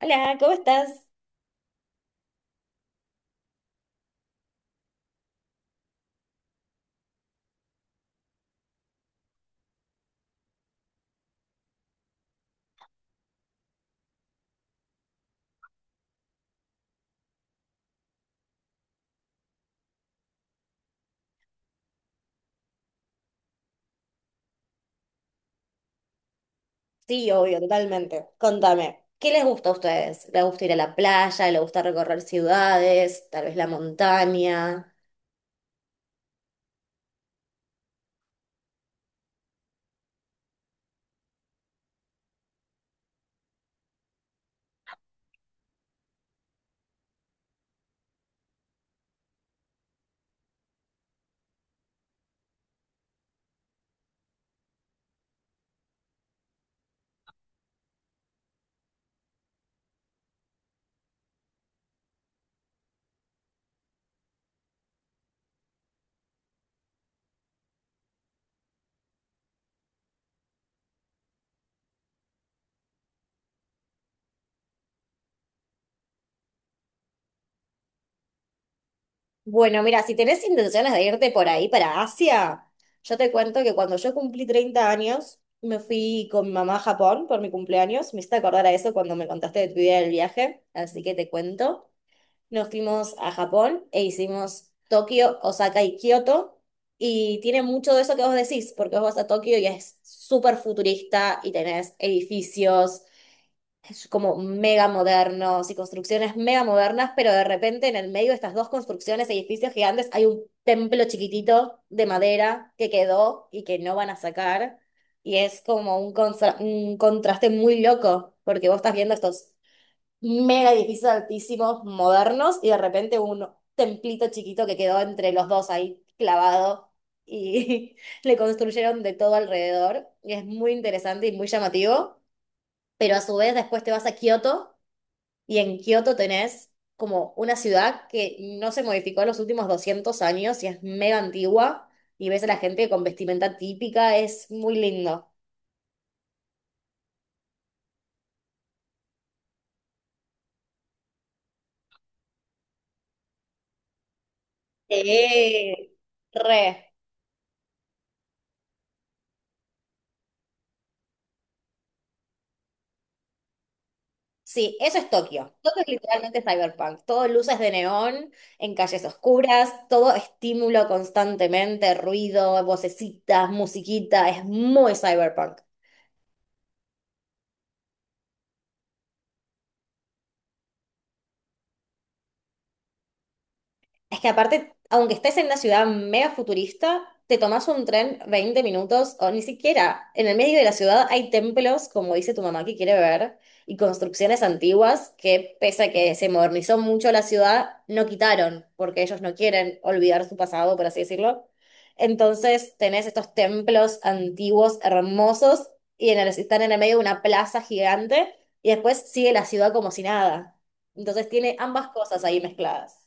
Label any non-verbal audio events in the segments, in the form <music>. Hola, ¿cómo estás? Sí, obvio, totalmente. Contame, ¿qué les gusta a ustedes? ¿Les gusta ir a la playa? ¿Les gusta recorrer ciudades? ¿Tal vez la montaña? Bueno, mira, si tenés intenciones de irte por ahí para Asia, yo te cuento que cuando yo cumplí 30 años, me fui con mi mamá a Japón por mi cumpleaños. Me hiciste acordar a eso cuando me contaste de tu idea del viaje, así que te cuento. Nos fuimos a Japón e hicimos Tokio, Osaka y Kioto. Y tiene mucho de eso que vos decís, porque vos vas a Tokio y es súper futurista y tenés edificios es como mega modernos y construcciones mega modernas, pero de repente en el medio de estas dos construcciones, edificios gigantes, hay un templo chiquitito de madera que quedó y que no van a sacar. Y es como un contraste muy loco, porque vos estás viendo estos mega edificios altísimos, modernos, y de repente un templito chiquito que quedó entre los dos ahí clavado y <laughs> le construyeron de todo alrededor. Y es muy interesante y muy llamativo, pero a su vez después te vas a Kioto y en Kioto tenés como una ciudad que no se modificó en los últimos 200 años y es mega antigua y ves a la gente con vestimenta típica, es muy lindo. Sí, re. Sí, eso es Tokio. Tokio es literalmente cyberpunk. Todo luces de neón, en calles oscuras, todo estímulo constantemente, ruido, vocecitas, musiquita. Es muy cyberpunk. Es que aparte, aunque estés en una ciudad mega futurista, te tomas un tren 20 minutos o ni siquiera. En el medio de la ciudad hay templos, como dice tu mamá que quiere ver, y construcciones antiguas que, pese a que se modernizó mucho la ciudad, no quitaron, porque ellos no quieren olvidar su pasado, por así decirlo. Entonces tenés estos templos antiguos, hermosos, están en el medio de una plaza gigante, y después sigue la ciudad como si nada. Entonces tiene ambas cosas ahí mezcladas.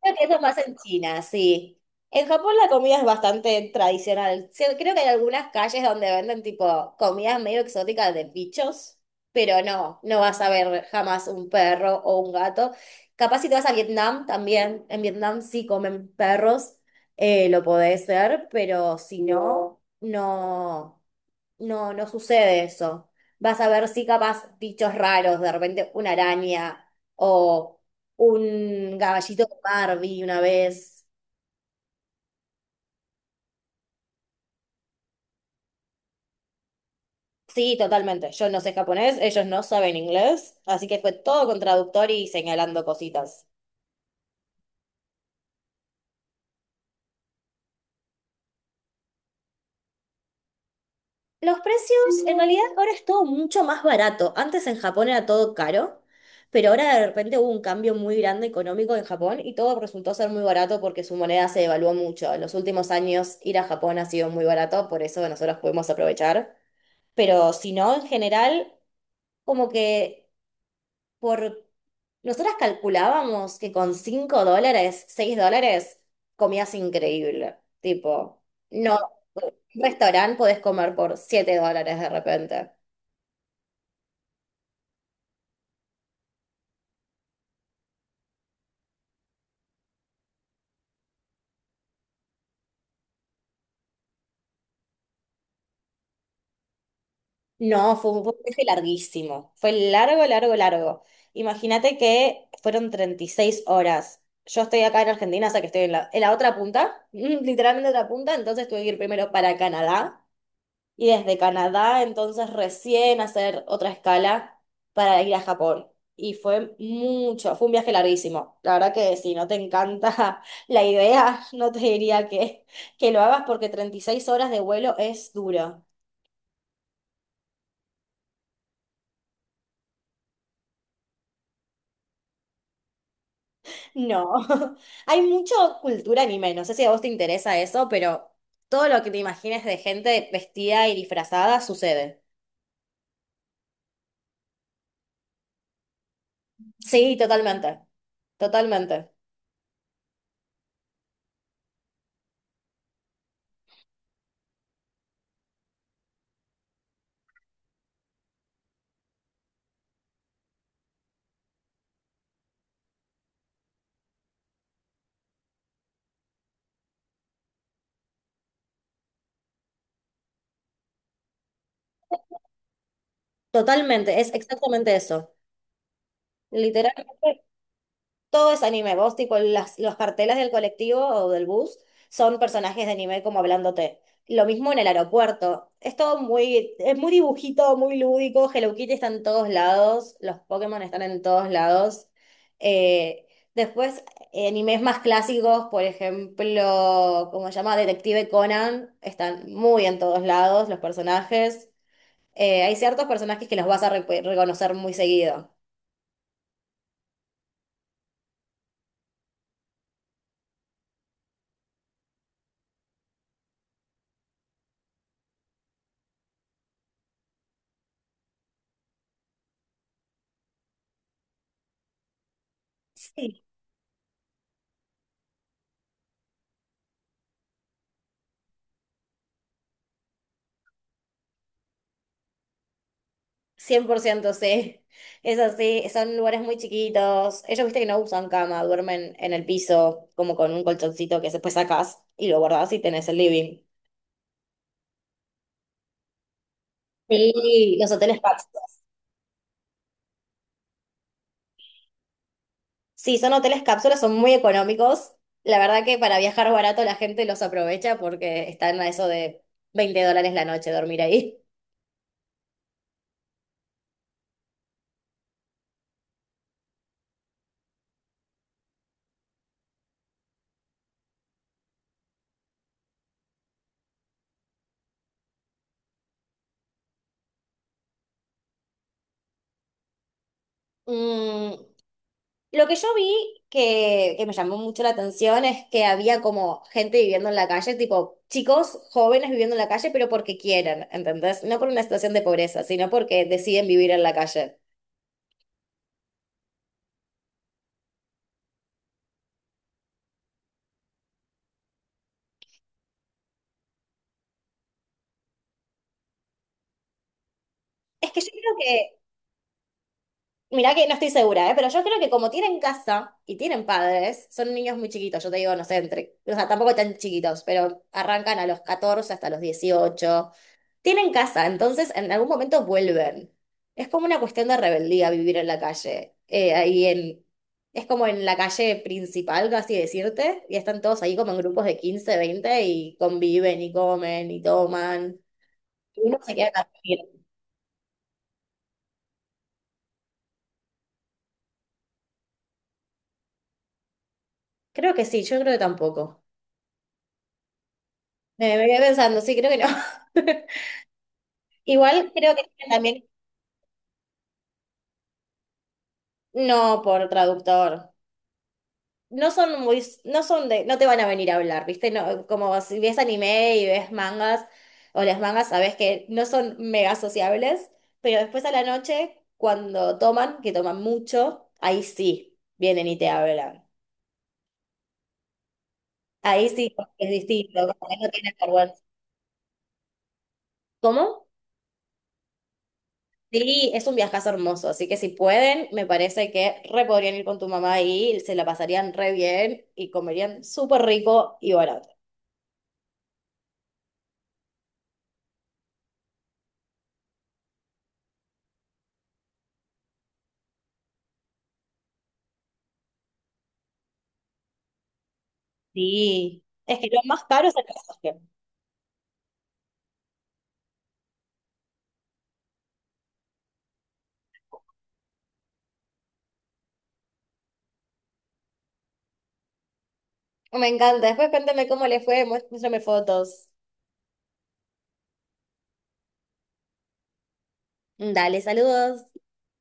Creo que eso es más en China, sí. En Japón la comida es bastante tradicional. Sí, creo que hay algunas calles donde venden tipo comidas medio exóticas de bichos, pero no, no vas a ver jamás un perro o un gato. Capaz si te vas a Vietnam también, en Vietnam sí comen perros, lo podés ver, pero si no, no. No, no sucede eso. Vas a ver sí capaz bichos raros, de repente una araña o un caballito de Barbie una vez. Sí, totalmente. Yo no sé japonés, ellos no saben inglés, así que fue todo con traductor y señalando cositas. Los precios, en realidad, ahora es todo mucho más barato. Antes en Japón era todo caro, pero ahora de repente hubo un cambio muy grande económico en Japón y todo resultó ser muy barato porque su moneda se devaluó mucho. En los últimos años ir a Japón ha sido muy barato, por eso nosotros podemos aprovechar. Pero si no, en general, como que por... Nosotras calculábamos que con $5, $6, comías increíble. Tipo, no, un restaurante podés comer por $7 de repente. No, fue un viaje larguísimo. Fue largo, largo, largo. Imagínate que fueron 36 horas. Yo estoy acá en Argentina, o sea que estoy en la otra punta, <laughs> literalmente otra punta, entonces tuve que ir primero para Canadá y desde Canadá entonces recién hacer otra escala para ir a Japón. Y fue mucho, fue un viaje larguísimo. La verdad que si no te encanta <laughs> la idea, no te diría que lo hagas porque 36 horas de vuelo es duro. No, <laughs> hay mucha cultura anime, no sé si a vos te interesa eso, pero todo lo que te imagines de gente vestida y disfrazada sucede. Sí, totalmente, totalmente, totalmente, es exactamente eso. Literalmente todo es anime. Vos, tipo, las, los carteles del colectivo o del bus son personajes de anime como hablándote. Lo mismo en el aeropuerto. Es todo muy, es muy dibujito, muy lúdico. Hello Kitty está en todos lados. Los Pokémon están en todos lados. Eh, después, animes más clásicos, por ejemplo, como se llama Detective Conan, están muy en todos lados los personajes. Hay ciertos personajes que los vas a re- reconocer muy seguido. Sí. 100% sí, es así, son lugares muy chiquitos, ellos viste que no usan cama, duermen en el piso como con un colchoncito que después sacás y lo guardás y tenés el living. Sí, los hoteles cápsulas. Sí, son hoteles cápsulas, son muy económicos. La verdad que para viajar barato la gente los aprovecha porque están a eso de $20 la noche dormir ahí. Mm, Lo que yo vi que me llamó mucho la atención es que había como gente viviendo en la calle, tipo chicos jóvenes viviendo en la calle, pero porque quieren, ¿entendés? No por una situación de pobreza, sino porque deciden vivir en la calle. Es que yo creo que, mirá que no estoy segura, ¿eh? Pero yo creo que como tienen casa y tienen padres, son niños muy chiquitos, yo te digo, no sé, entre, o sea, tampoco tan chiquitos, pero arrancan a los 14 hasta los 18. Tienen casa, entonces en algún momento vuelven. Es como una cuestión de rebeldía vivir en la calle. Es como en la calle principal, casi decirte, y están todos ahí como en grupos de 15, 20 y conviven y comen y toman. Y uno se queda a dormir. Creo que sí, yo creo que tampoco. Me quedé pensando, sí, creo que no. <laughs> Igual creo que también, no por traductor. No son muy, no son de, no te van a venir a hablar, ¿viste? No, como si ves anime y ves mangas, o las mangas sabes que no son mega sociables, pero después a la noche, cuando toman, que toman mucho, ahí sí vienen y te hablan. Ahí sí porque es distinto, como que no tienen vergüenza. ¿Cómo? Sí, es un viajazo hermoso, así que si pueden, me parece que re podrían ir con tu mamá y se la pasarían re bien y comerían súper rico y barato. Sí, es que lo más caro es el pasaje. Me encanta. Después cuéntame cómo le fue, muéstrame fotos. Dale, saludos.